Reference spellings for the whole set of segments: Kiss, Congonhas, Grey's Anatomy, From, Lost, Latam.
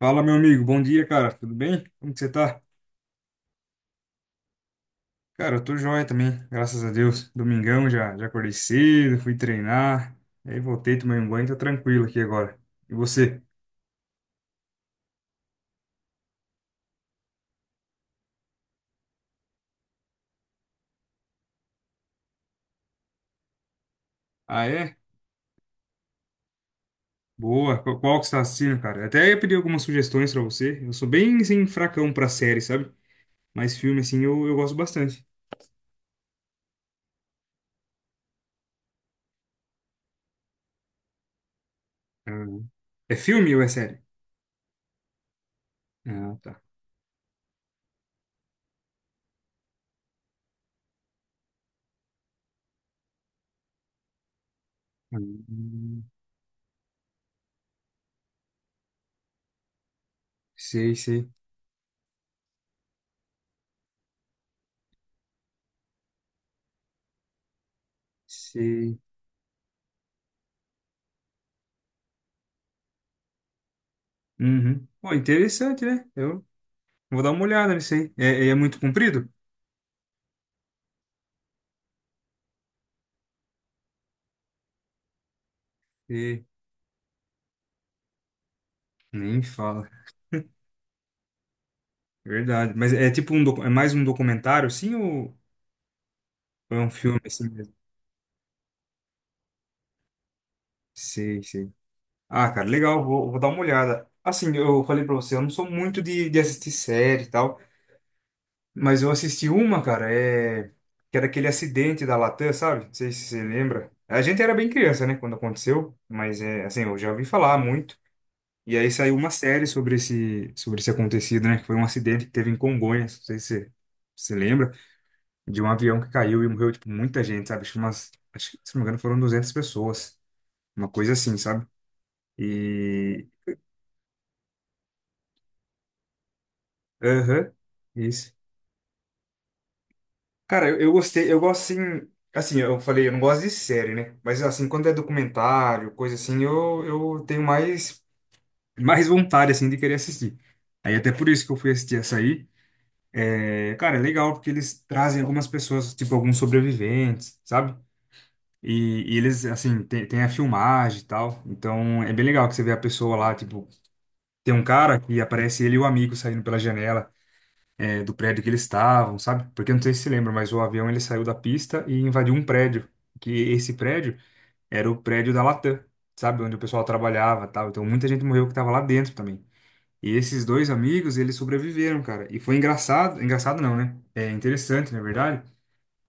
Fala, meu amigo. Bom dia, cara. Tudo bem? Como que você tá? Cara, eu tô joia também, graças a Deus. Domingão já acordei cedo, fui treinar. Aí voltei, tomei um banho, tô tranquilo aqui agora. E você? Ah, é? Boa. Qual que você tá assistindo, cara? Até ia pedir algumas sugestões pra você. Eu sou bem, assim, fracão pra série, sabe? Mas filme, assim, eu gosto bastante. Ah, é filme ou é série? Ah, tá. Hum. Sei, sei, sei. Uhum. Pô, interessante, né? Eu vou dar uma olhada nisso aí. É muito comprido? E nem fala. Verdade. Mas é tipo um é mais um documentário, assim, ou é um filme assim mesmo? Sei, sei. Ah, cara, legal, vou dar uma olhada. Assim, eu falei pra você, eu não sou muito de assistir série e tal, mas eu assisti uma, cara, que era aquele acidente da Latam, sabe? Não sei se você lembra. A gente era bem criança, né, quando aconteceu, mas é assim, eu já ouvi falar muito. E aí saiu uma série sobre esse acontecido, né? Que foi um acidente que teve em Congonhas, não sei se você se lembra. De um avião que caiu e morreu, tipo, muita gente, sabe? Acho que, se não me engano, foram 200 pessoas. Uma coisa assim, sabe? E... Aham, isso. Cara, eu gostei, eu gosto, assim... Assim, eu falei, eu não gosto de série, né? Mas, assim, quando é documentário, coisa assim, eu tenho mais, mais vontade, assim, de querer assistir. Aí, até por isso que eu fui assistir essa aí. É, cara, é legal, porque eles trazem algumas pessoas, tipo, alguns sobreviventes, sabe? E eles, assim, tem a filmagem e tal. Então é bem legal que você vê a pessoa lá, tipo, tem um cara que aparece ele e o amigo saindo pela janela, do prédio que eles estavam, sabe? Porque eu não sei se você lembra, mas o avião ele saiu da pista e invadiu um prédio. Que esse prédio era o prédio da Latam, sabe? Onde o pessoal trabalhava e tal. Então muita gente morreu que tava lá dentro também. E esses dois amigos, eles sobreviveram, cara. E foi engraçado, engraçado não, né? É interessante, na verdade,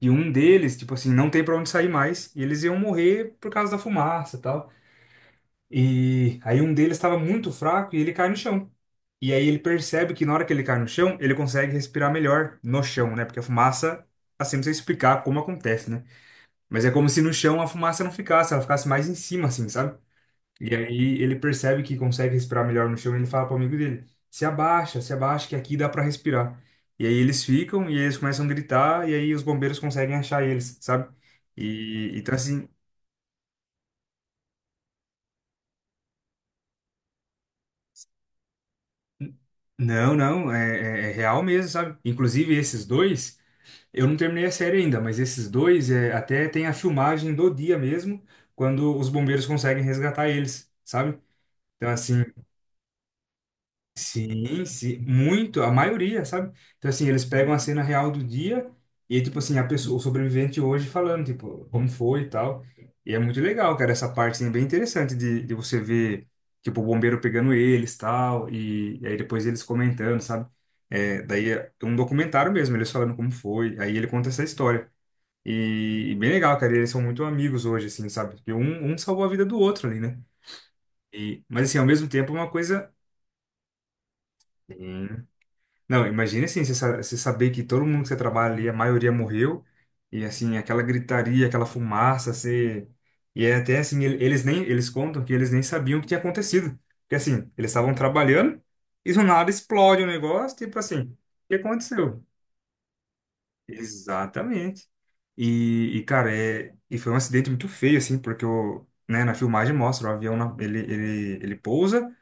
e um deles, tipo assim, não tem pra onde sair mais. E eles iam morrer por causa da fumaça e tal. E aí um deles estava muito fraco e ele cai no chão. E aí ele percebe que na hora que ele cai no chão, ele consegue respirar melhor no chão, né? Porque a fumaça, assim, não sei explicar como acontece, né? Mas é como se no chão a fumaça não ficasse, ela ficasse mais em cima, assim, sabe? E aí ele percebe que consegue respirar melhor no chão e ele fala pro amigo dele: se abaixa, se abaixa, que aqui dá pra respirar. E aí eles ficam e eles começam a gritar e aí os bombeiros conseguem achar eles, sabe? E então assim, não, não, é real mesmo, sabe? Inclusive esses dois, eu não terminei a série ainda, mas esses dois até tem a filmagem do dia mesmo, quando os bombeiros conseguem resgatar eles, sabe? Então assim, sim, sim, muito, a maioria, sabe? Então, assim, eles pegam a cena real do dia e, tipo assim, a pessoa, o sobrevivente hoje falando, tipo, como foi e tal. E é muito legal, cara, essa parte, assim, é bem interessante de, você ver, tipo, o bombeiro pegando eles tal, e aí depois eles comentando, sabe? É, daí é um documentário mesmo, eles falando como foi, aí ele conta essa história. E bem legal, cara, eles são muito amigos hoje, assim, sabe? Porque um salvou a vida do outro ali, né? E, mas, assim, ao mesmo tempo é uma coisa. Sim. Não, imagina assim, você saber que todo mundo que você trabalha ali, a maioria morreu, e assim, aquela gritaria, aquela fumaça, você... E é até assim, eles contam que eles nem sabiam o que tinha acontecido. Porque assim, eles estavam trabalhando, e do nada explode o negócio, tipo assim, o que aconteceu? Exatamente. E, cara, e foi um acidente muito feio, assim, porque o, né, na filmagem mostra, o avião, ele pousa,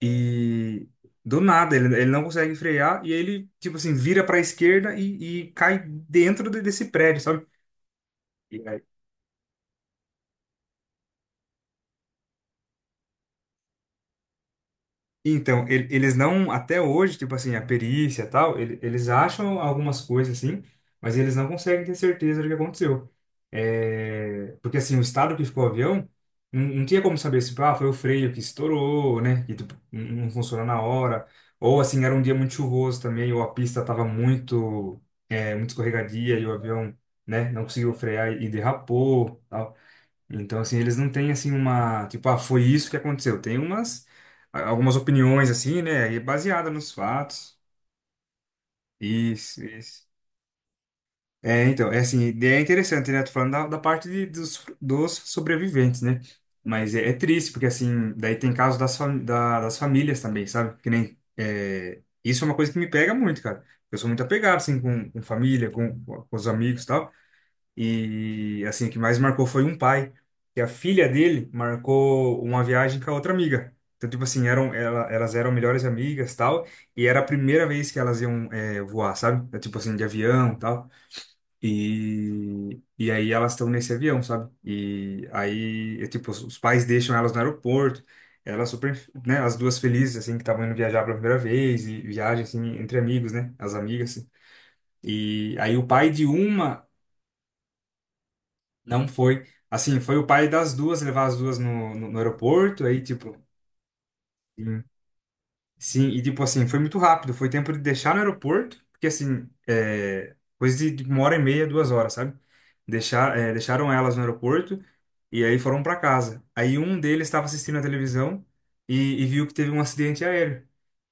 e do nada, ele não consegue frear e ele, tipo assim, vira pra esquerda e cai dentro desse prédio, sabe? Então, eles não, até hoje, tipo assim, a perícia e tal, eles acham algumas coisas assim, mas eles não conseguem ter certeza do que aconteceu. É, porque assim, o estado que ficou o avião, não, não tinha como saber se, tipo, ah, foi o freio que estourou, né, que tipo, não não funcionou na hora, ou assim, era um dia muito chuvoso também, ou a pista estava muito, muito escorregadia e o avião, né, não conseguiu frear e derrapou, tal. Então, assim, eles não têm, assim, uma... Tipo, ah, foi isso que aconteceu. Tem umas... Algumas opiniões, assim, né? E baseada nos fatos. Isso, isso. É, então, é assim, é interessante, né? Tô falando da parte dos sobreviventes, né? Mas é triste, porque, assim, daí tem casos das famílias também, sabe? Que nem... Isso é uma coisa que me pega muito, cara. Eu sou muito apegado, assim, com família, com os amigos e tal. E assim, o que mais marcou foi um pai, que a filha dele marcou uma viagem com a outra amiga. Então, tipo assim, elas eram melhores amigas, tal, e era a primeira vez que elas iam voar, sabe? É, tipo assim, de avião, tal. E aí elas estão nesse avião, sabe? E aí, tipo, os pais deixam elas no aeroporto, elas super, né, as duas felizes, assim, que estavam indo viajar pela primeira vez, e viagem, assim, entre amigos, né, as amigas, assim. E aí o pai de uma não foi. Assim, foi o pai das duas levar as duas no aeroporto, aí, tipo. Sim. Sim, e tipo assim, foi muito rápido. Foi tempo de deixar no aeroporto, porque assim, coisa de 1h30, 2 horas, sabe? Deixaram elas no aeroporto e aí foram para casa. Aí um deles estava assistindo a televisão e viu que teve um acidente aéreo.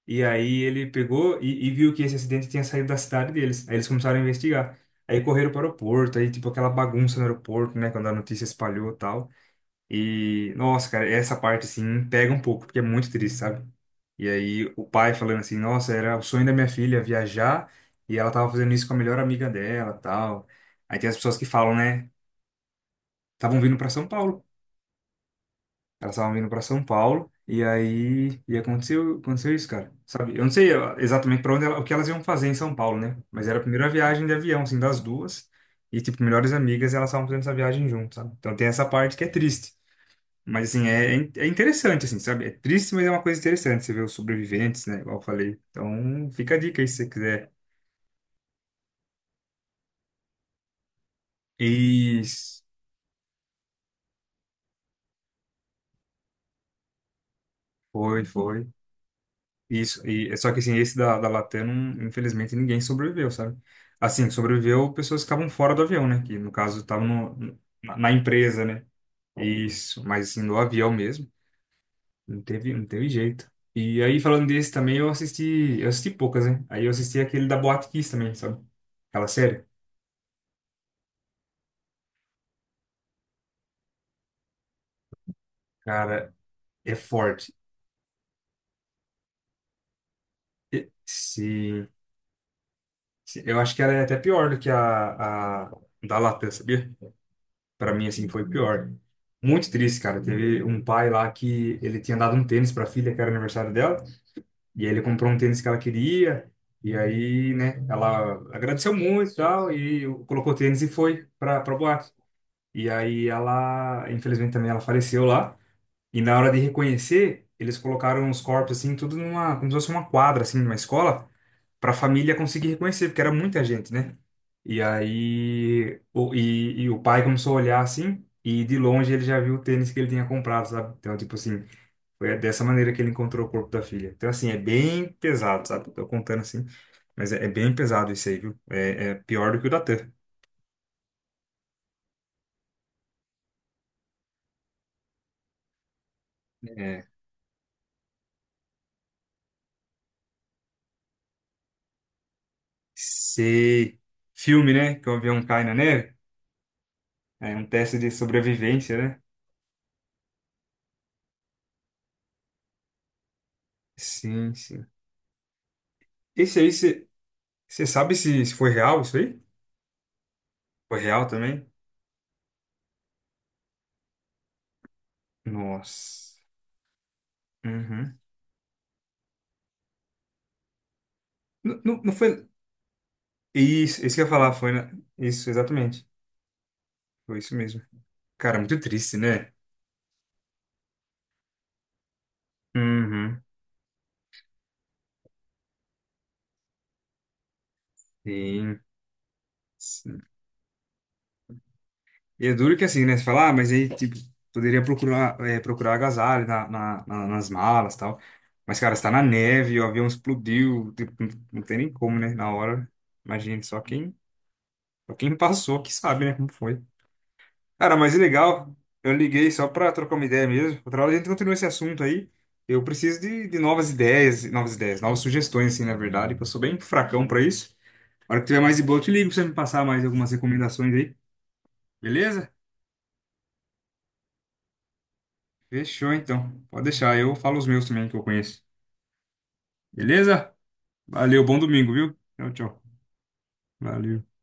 E aí ele pegou e viu que esse acidente tinha saído da cidade deles. Aí eles começaram a investigar. Aí correram para o aeroporto, aí tipo aquela bagunça no aeroporto, né? Quando a notícia espalhou e tal. E, nossa, cara, essa parte, assim, pega um pouco, porque é muito triste, sabe? E aí, o pai falando assim, nossa, era o sonho da minha filha viajar, e ela tava fazendo isso com a melhor amiga dela, tal. Aí tem as pessoas que falam, né, estavam vindo pra São Paulo. Elas estavam vindo pra São Paulo, e aí, e aconteceu, aconteceu isso, cara, sabe? Eu não sei ó, exatamente para onde ela, o que elas iam fazer em São Paulo, né? Mas era a primeira viagem de avião, assim, das duas, e, tipo, melhores amigas, elas estavam fazendo essa viagem juntas, sabe? Então tem essa parte que é triste. Mas, assim, é interessante, assim, sabe? É triste, mas é uma coisa interessante. Você vê os sobreviventes, né? Igual eu falei. Então, fica a dica aí se você quiser. Isso. Foi, foi. Isso. E, é só que, assim, esse da, Latam, infelizmente, ninguém sobreviveu, sabe? Assim, sobreviveu pessoas que estavam fora do avião, né? Que, no caso, estavam na empresa, né? Isso. Mas, assim, no avião mesmo, não teve jeito. E aí, falando desse também, eu assisti... Eu assisti poucas, né? Aí eu assisti aquele da Boate Kiss também, sabe? Aquela série. Cara, é forte. E- Se, eu acho que ela é até pior do que a da Latam, sabia? Pra mim, assim, foi pior. Muito triste, cara. Teve um pai lá que ele tinha dado um tênis pra filha, que era aniversário dela, e aí ele comprou um tênis que ela queria, e aí, né, ela agradeceu muito e tal, e colocou o tênis e foi pra boate. E aí ela, infelizmente também, ela faleceu lá, e na hora de reconhecer, eles colocaram os corpos, assim, tudo numa, como se fosse uma quadra, assim, numa escola, para a família conseguir reconhecer, porque era muita gente, né? E aí, e o pai começou a olhar assim, e de longe ele já viu o tênis que ele tinha comprado, sabe? Então, tipo assim, foi dessa maneira que ele encontrou o corpo da filha. Então, assim, é bem pesado, sabe? Tô contando assim, mas é bem pesado isso aí, viu? É pior do que o da Tan. É, sei. Filme, né? Que o avião cai na neve. É um teste de sobrevivência, né? Sim, sim. Esse aí, você sabe se foi real isso aí? Foi real também? Nossa. Uhum. Não, não, não foi. Isso que eu ia falar foi. Isso, exatamente. Foi isso mesmo. Cara, muito triste, né? Uhum. Sim, sim. E é duro que assim, né? Você fala, ah, mas aí, tipo, poderia procurar, procurar agasalho nas malas e tal. Mas, cara, você tá na neve, o avião explodiu, tipo, não não tem nem como, né? Na hora. Imagina, só quem passou que sabe, né? Como foi. Cara, mas é legal. Eu liguei só pra trocar uma ideia mesmo. Outra hora a gente continua esse assunto aí. Eu preciso de, novas ideias, novas ideias, novas sugestões, assim, na verdade, que eu sou bem fracão pra isso. A hora que tiver mais de boa, eu te ligo pra você me passar mais algumas recomendações aí. Beleza? Fechou, então. Pode deixar, eu falo os meus também que eu conheço. Beleza? Valeu, bom domingo, viu? Tchau, tchau. Valeu.